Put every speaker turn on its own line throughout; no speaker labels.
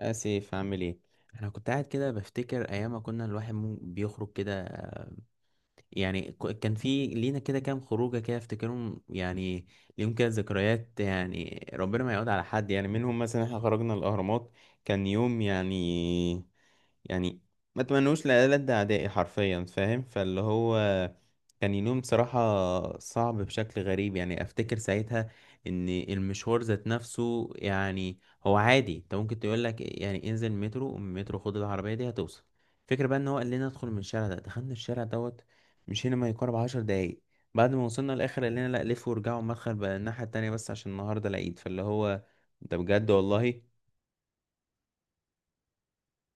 اسف، عامل ايه؟ انا كنت قاعد كده بفتكر ايام ما كنا الواحد بيخرج كده. يعني كان في لينا كده كام خروجه كده افتكرهم يعني. ليهم كده ذكريات، يعني ربنا ما يعود على حد يعني منهم. مثلا احنا خرجنا الاهرامات، كان يوم يعني ما تمنوش لألد أعدائي حرفيا، فاهم؟ فاللي هو كان يوم بصراحة صعب بشكل غريب. يعني أفتكر ساعتها إن المشوار ذات نفسه يعني هو عادي، أنت ممكن تقولك يعني انزل مترو من مترو خد العربية دي هتوصل. فكرة بقى إن هو قال لنا ادخل من الشارع ده، دخلنا الشارع دوت، مشينا ما يقارب 10 دقايق. بعد ما وصلنا للاخر قال لنا لا لفوا ورجعوا المدخل بقى الناحيه التانية بس عشان النهارده العيد. فاللي هو ده بجد والله.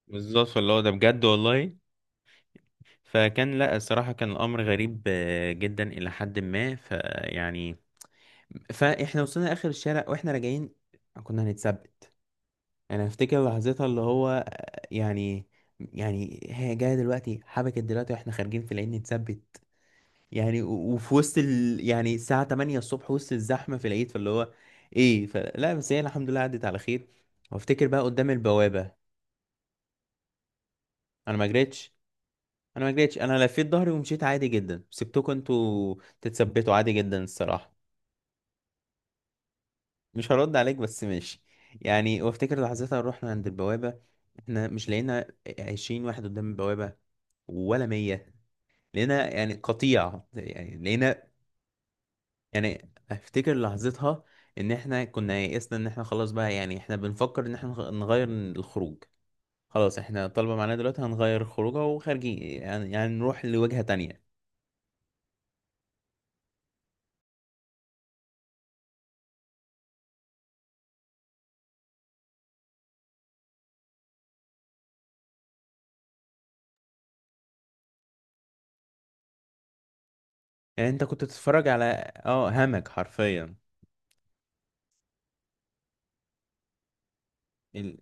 بالظبط، فاللي هو ده بجد والله. فكان لا، الصراحه كان الامر غريب جدا الى حد ما، فيعني فاحنا وصلنا لاخر الشارع واحنا راجعين كنا هنتثبت. انا افتكر لحظتها اللي هو يعني، يعني هي جايه دلوقتي، حبكت دلوقتي واحنا خارجين في العيد نتثبت. يعني و- وفي وسط يعني الساعة 8 الصبح وسط الزحمة في العيد. فاللي هو ايه، فلا بس هي الحمد لله عدت على خير. وافتكر بقى قدام البوابة. انا ما جريتش. انا ما جريتش، انا لفيت ظهري ومشيت عادي جدا، سبتكم انتوا تتثبتوا عادي جدا الصراحة. مش هرد عليك بس ماشي. يعني وافتكر لحظتها رحنا عند البوابة، احنا مش لقينا 20 واحد قدام البوابة، ولا 100. لقينا يعني قطيع يعني لقينا. يعني افتكر لحظتها ان احنا كنا يئسنا، ان احنا خلاص بقى يعني احنا بنفكر ان احنا نغير الخروج. خلاص احنا طالبة معانا دلوقتي هنغير الخروجه وخارجين، يعني يعني نروح لوجهة تانية. يعني انت كنت بتتفرج على اه همك حرفيا. ال...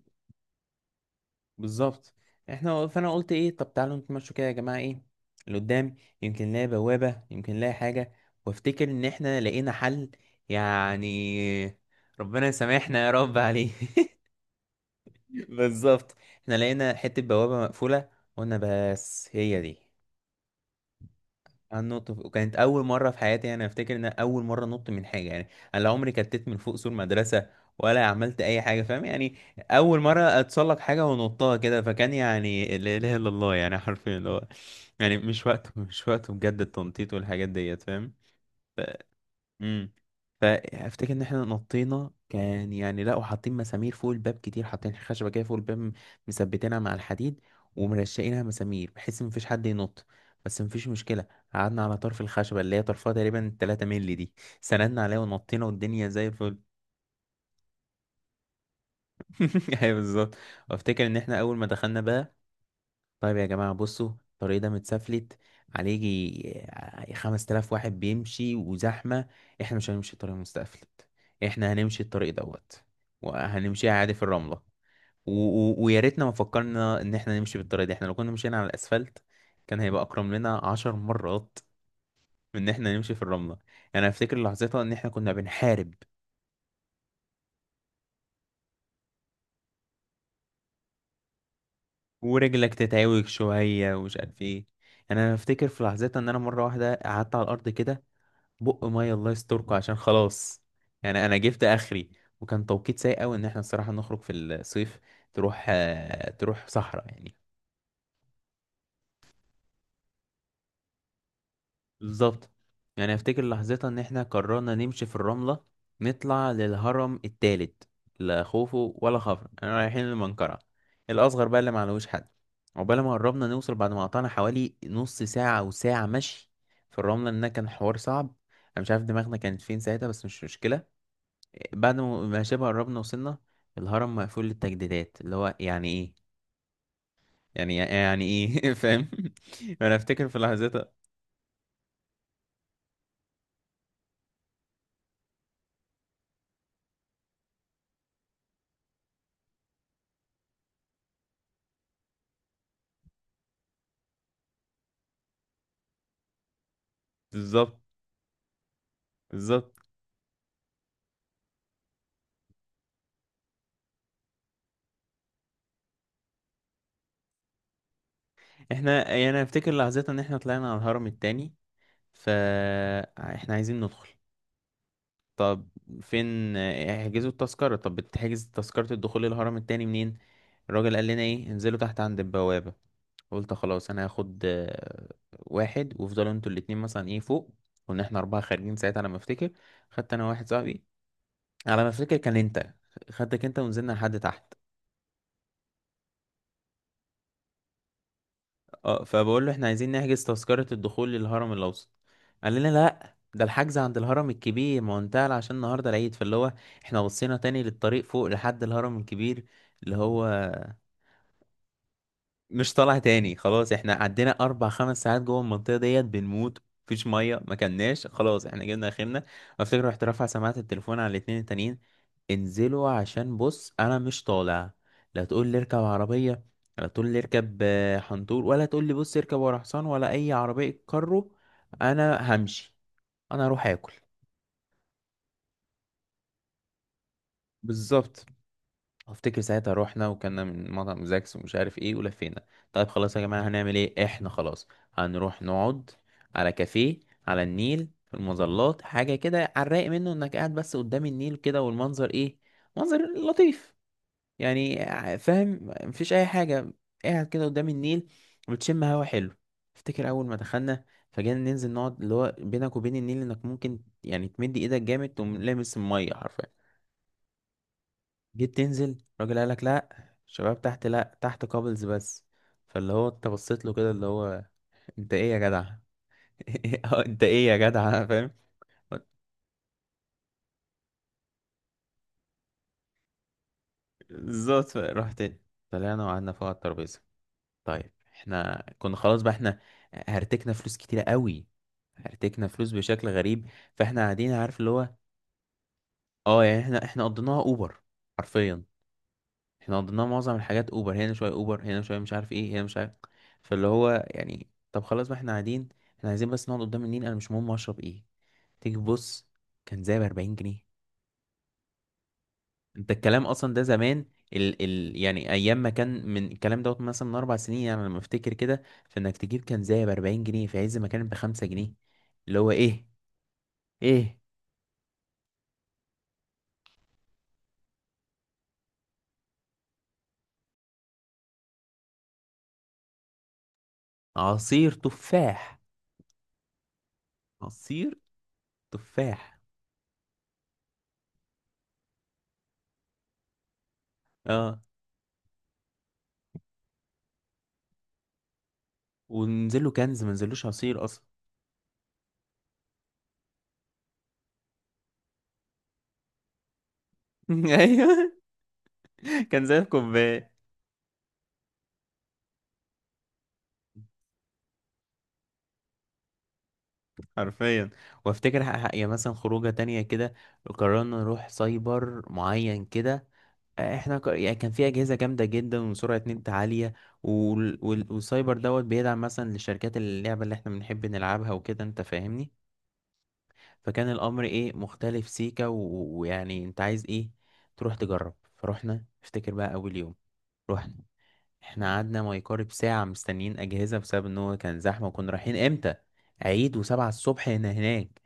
بالظبط. احنا فانا قلت ايه، طب تعالوا نتمشوا كده يا جماعة، ايه لقدام، يمكن نلاقي بوابة يمكن نلاقي حاجة. وافتكر ان احنا لقينا حل يعني، ربنا يسامحنا يا رب عليه بالظبط. احنا لقينا حتة بوابة مقفولة، قلنا بس هي دي. هننط وكانت أول مرة في حياتي. أنا أفتكر إن أنا أول مرة أنط من حاجة يعني. أنا لا عمري كتت من فوق سور مدرسة ولا عملت أي حاجة، فاهم يعني؟ أول مرة أتسلق حاجة ونطها كده، فكان يعني لا إله إلا الله يعني حرفيا اللي هو يعني مش وقته، مش وقته بجد التنطيط والحاجات ديت، فاهم؟ امم فافتكر ان احنا نطينا. كان يعني لا وحاطين مسامير فوق الباب كتير، حاطين خشبه كده فوق الباب، مثبتينها مع الحديد، ومرشقينها مسامير بحيث مفيش حد ينط. بس مفيش مشكله، قعدنا على طرف الخشبه اللي هي طرفها تقريبا 3 مللي دي، سندنا عليها ونطينا والدنيا زي الفل. ايوه بالظبط. وافتكر ان احنا اول ما دخلنا بقى، طيب يا جماعة بصوا الطريق ده متسفلت، عليه يجي خمس تلاف واحد بيمشي وزحمة. احنا مش هنمشي الطريق المتسفلت، احنا هنمشي الطريق دوت، وهنمشيها عادي في الرملة. و... و... ويا ريتنا ما فكرنا ان احنا نمشي بالطريق ده. احنا لو كنا مشينا على الاسفلت كان هيبقى اكرم لنا 10 مرات من ان احنا نمشي في الرملة. يعني انا افتكر لحظتها ان احنا كنا بنحارب، ورجلك تتعوج شوية ومش عارف ايه. يعني انا افتكر في لحظتها ان انا مرة واحدة قعدت على الارض كده، بق ميه الله يستركم عشان خلاص. يعني انا جبت اخري. وكان توقيت سيء قوي ان احنا الصراحه نخرج في الصيف، تروح تروح صحراء يعني. بالظبط. يعني افتكر لحظتها ان احنا قررنا نمشي في الرمله، نطلع للهرم التالت، لا خوفو ولا خفر انا رايحين المنقرة الاصغر بقى اللي معلوش حد. عقبال ما قربنا نوصل بعد ما قطعنا حوالي نص ساعه او ساعه مشي في الرمله لأن كان حوار صعب. انا مش عارف دماغنا كانت فين ساعتها، بس مش مشكله. بعد ما ما شبه قربنا وصلنا، الهرم مقفول للتجديدات، اللي هو يعني ايه، يعني يعني ايه فاهم؟ انا افتكر في لحظتها. بالظبط. بالظبط. احنا يعني انا افتكر لحظتها ان احنا طلعنا على الهرم التاني، فاحنا عايزين ندخل. طب فين احجزوا التذكرة؟ طب بتحجز تذكرة الدخول للهرم التاني منين؟ الراجل قال لنا ايه انزلوا تحت عند البوابة. قلت خلاص انا هاخد واحد وافضلوا انتوا الاتنين مثلا ايه فوق. كنا احنا اربعة خارجين ساعتها على ما افتكر. خدت انا واحد صاحبي، على ما افتكر كان انت، خدتك انت ونزلنا لحد تحت. اه، فبقول له احنا عايزين نحجز تذكرة الدخول للهرم الأوسط. قال لنا لا ده الحجز عند الهرم الكبير، ما هو انتهى عشان النهارده العيد. فاللي هو احنا بصينا تاني للطريق فوق لحد الهرم الكبير اللي هو مش طالع تاني. خلاص احنا عدينا 4 5 ساعات جوه المنطقه ديت بنموت، مفيش ميه ما كلناش، خلاص احنا جبنا اخرنا. افتكر رحت رافع سماعه التليفون على الاتنين التانيين، انزلوا عشان بص انا مش طالع. لا تقول لي اركب عربيه، لا تقول لي اركب حنطور، ولا تقول لي بص اركب ورا حصان ولا اي عربيه كارو. انا همشي، انا اروح اكل. بالظبط. افتكر ساعتها روحنا وكنا من مطعم زاكس ومش عارف ايه ولفينا. طيب خلاص يا جماعة هنعمل ايه؟ احنا خلاص هنروح نقعد على كافيه على النيل في المظلات حاجة كده على الرايق، منه انك قاعد بس قدام النيل كده والمنظر ايه، منظر لطيف يعني، فاهم؟ مفيش اي حاجة، قاعد كده قدام النيل بتشم هوا حلو. افتكر اول ما دخلنا، فجينا ننزل نقعد اللي هو بينك وبين النيل انك ممكن يعني تمد ايدك جامد تقوم لامس المية حرفيا. جيت تنزل الراجل قالك لا، الشباب تحت لا، تحت كابلز بس. فاللي هو انت بصيت له كده اللي هو انت ايه يا جدع؟ اه انت ايه يا جدع؟ فاهم؟ بالظبط. رحت طلعنا وقعدنا فوق على الترابيزه. طيب احنا كنا خلاص بقى، احنا هرتكنا فلوس كتيره قوي، هرتكنا فلوس بشكل غريب. فاحنا قاعدين عارف اللي هو، اه يعني احنا احنا قضيناها اوبر حرفيا. احنا قضينا معظم الحاجات اوبر هنا شويه، اوبر هنا شويه، مش عارف ايه هنا مش عارف. فاللي هو يعني طب خلاص بقى احنا قاعدين، احنا عايزين بس نقعد قدام النيل، انا مش مهم اشرب ايه. تيجي تبص كان زي ب 40 جنيه. انت الكلام اصلا ده زمان، ال يعني ايام ما كان من الكلام دوت مثلا من 4 سنين يعني، لما افتكر كده فانك تجيب كان زي ب 40 جنيه في عز ما كان ب 5 جنيه. اللي هو ايه، ايه عصير تفاح، عصير تفاح اه ونزله كنز منزلوش عصير اصلا. ايوه، كان زي الكوباية حرفيا. وافتكر يعني مثلا خروجة تانية كده، قررنا نروح سايبر معين كده. احنا يعني كان في اجهزه جامده جدا وسرعه نت عاليه، وال... وال... والسايبر دوت بيدعم مثلا لشركات اللعبه اللي احنا بنحب نلعبها وكده انت فاهمني. فكان الامر ايه، مختلف سيكا، و- ويعني انت عايز ايه تروح تجرب. فروحنا افتكر بقى اول يوم رحنا، احنا قعدنا ما يقارب ساعة مستنيين أجهزة بسبب إن هو كان زحمة وكنا رايحين إمتى؟ عيد وسبعة الصبح هنا هناك.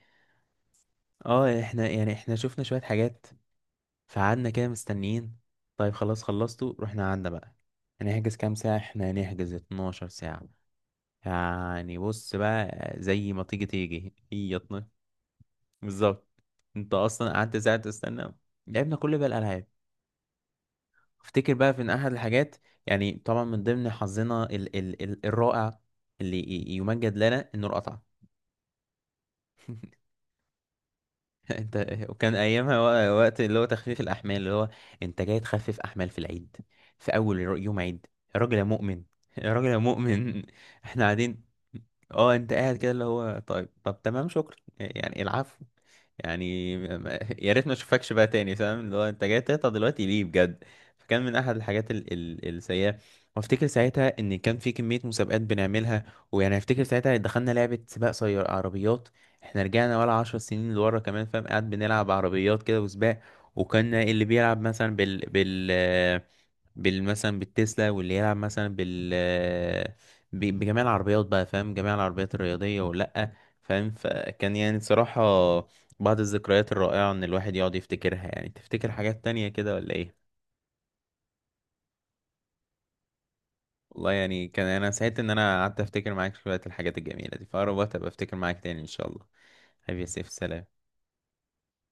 اه احنا يعني احنا شفنا شوية حاجات فقعدنا كده مستنيين. طيب خلاص خلصتوا، رحنا قعدنا بقى. هنحجز كام ساعة؟ احنا هنحجز 12 ساعة يعني، بص بقى زي ما تيجي تيجي هي 12. بالظبط، انت اصلا قعدت ساعة تستنى. لعبنا كل بقى الألعاب. افتكر بقى في إن احد الحاجات، يعني طبعا من ضمن حظنا ال الرائع اللي يمجد لنا انه اتقطع. انت وكان ايامها وقت اللي هو تخفيف الاحمال. اللي هو انت جاي تخفف احمال في العيد؟ في اول يوم عيد؟ يا راجل يا مؤمن يا راجل يا مؤمن احنا قاعدين اه انت قاعد كده اللي هو طيب، طب تمام شكرا يعني العفو. يعني يا ريت ما اشوفكش بقى تاني، فاهم اللي هو انت جاي تقطع دلوقتي ليه بجد. فكان من احد الحاجات ال السيئه. وافتكر ساعتها ان كان في كميه مسابقات بنعملها. ويعني افتكر ساعتها دخلنا لعبه سباق سيار عربيات، احنا رجعنا ولا 10 سنين لورا كمان، فاهم؟ قاعد بنلعب عربيات كده وسباق. وكنا اللي بيلعب مثلا بال مثلا بالتسلا، واللي يلعب مثلا بال بجميع العربيات بقى، فاهم؟ جميع العربيات الرياضية ولا، فاهم؟ فكان يعني صراحة بعض الذكريات الرائعة ان الواحد يقعد يفتكرها. يعني تفتكر حاجات تانية كده ولا ايه؟ والله يعني كان انا سعيد ان انا قعدت افتكر معاك شوية الحاجات الجميلة دي، فأقرب وقت ابقى افتكر معاك تاني ان شاء الله. حبيبي يا سيف، سلام.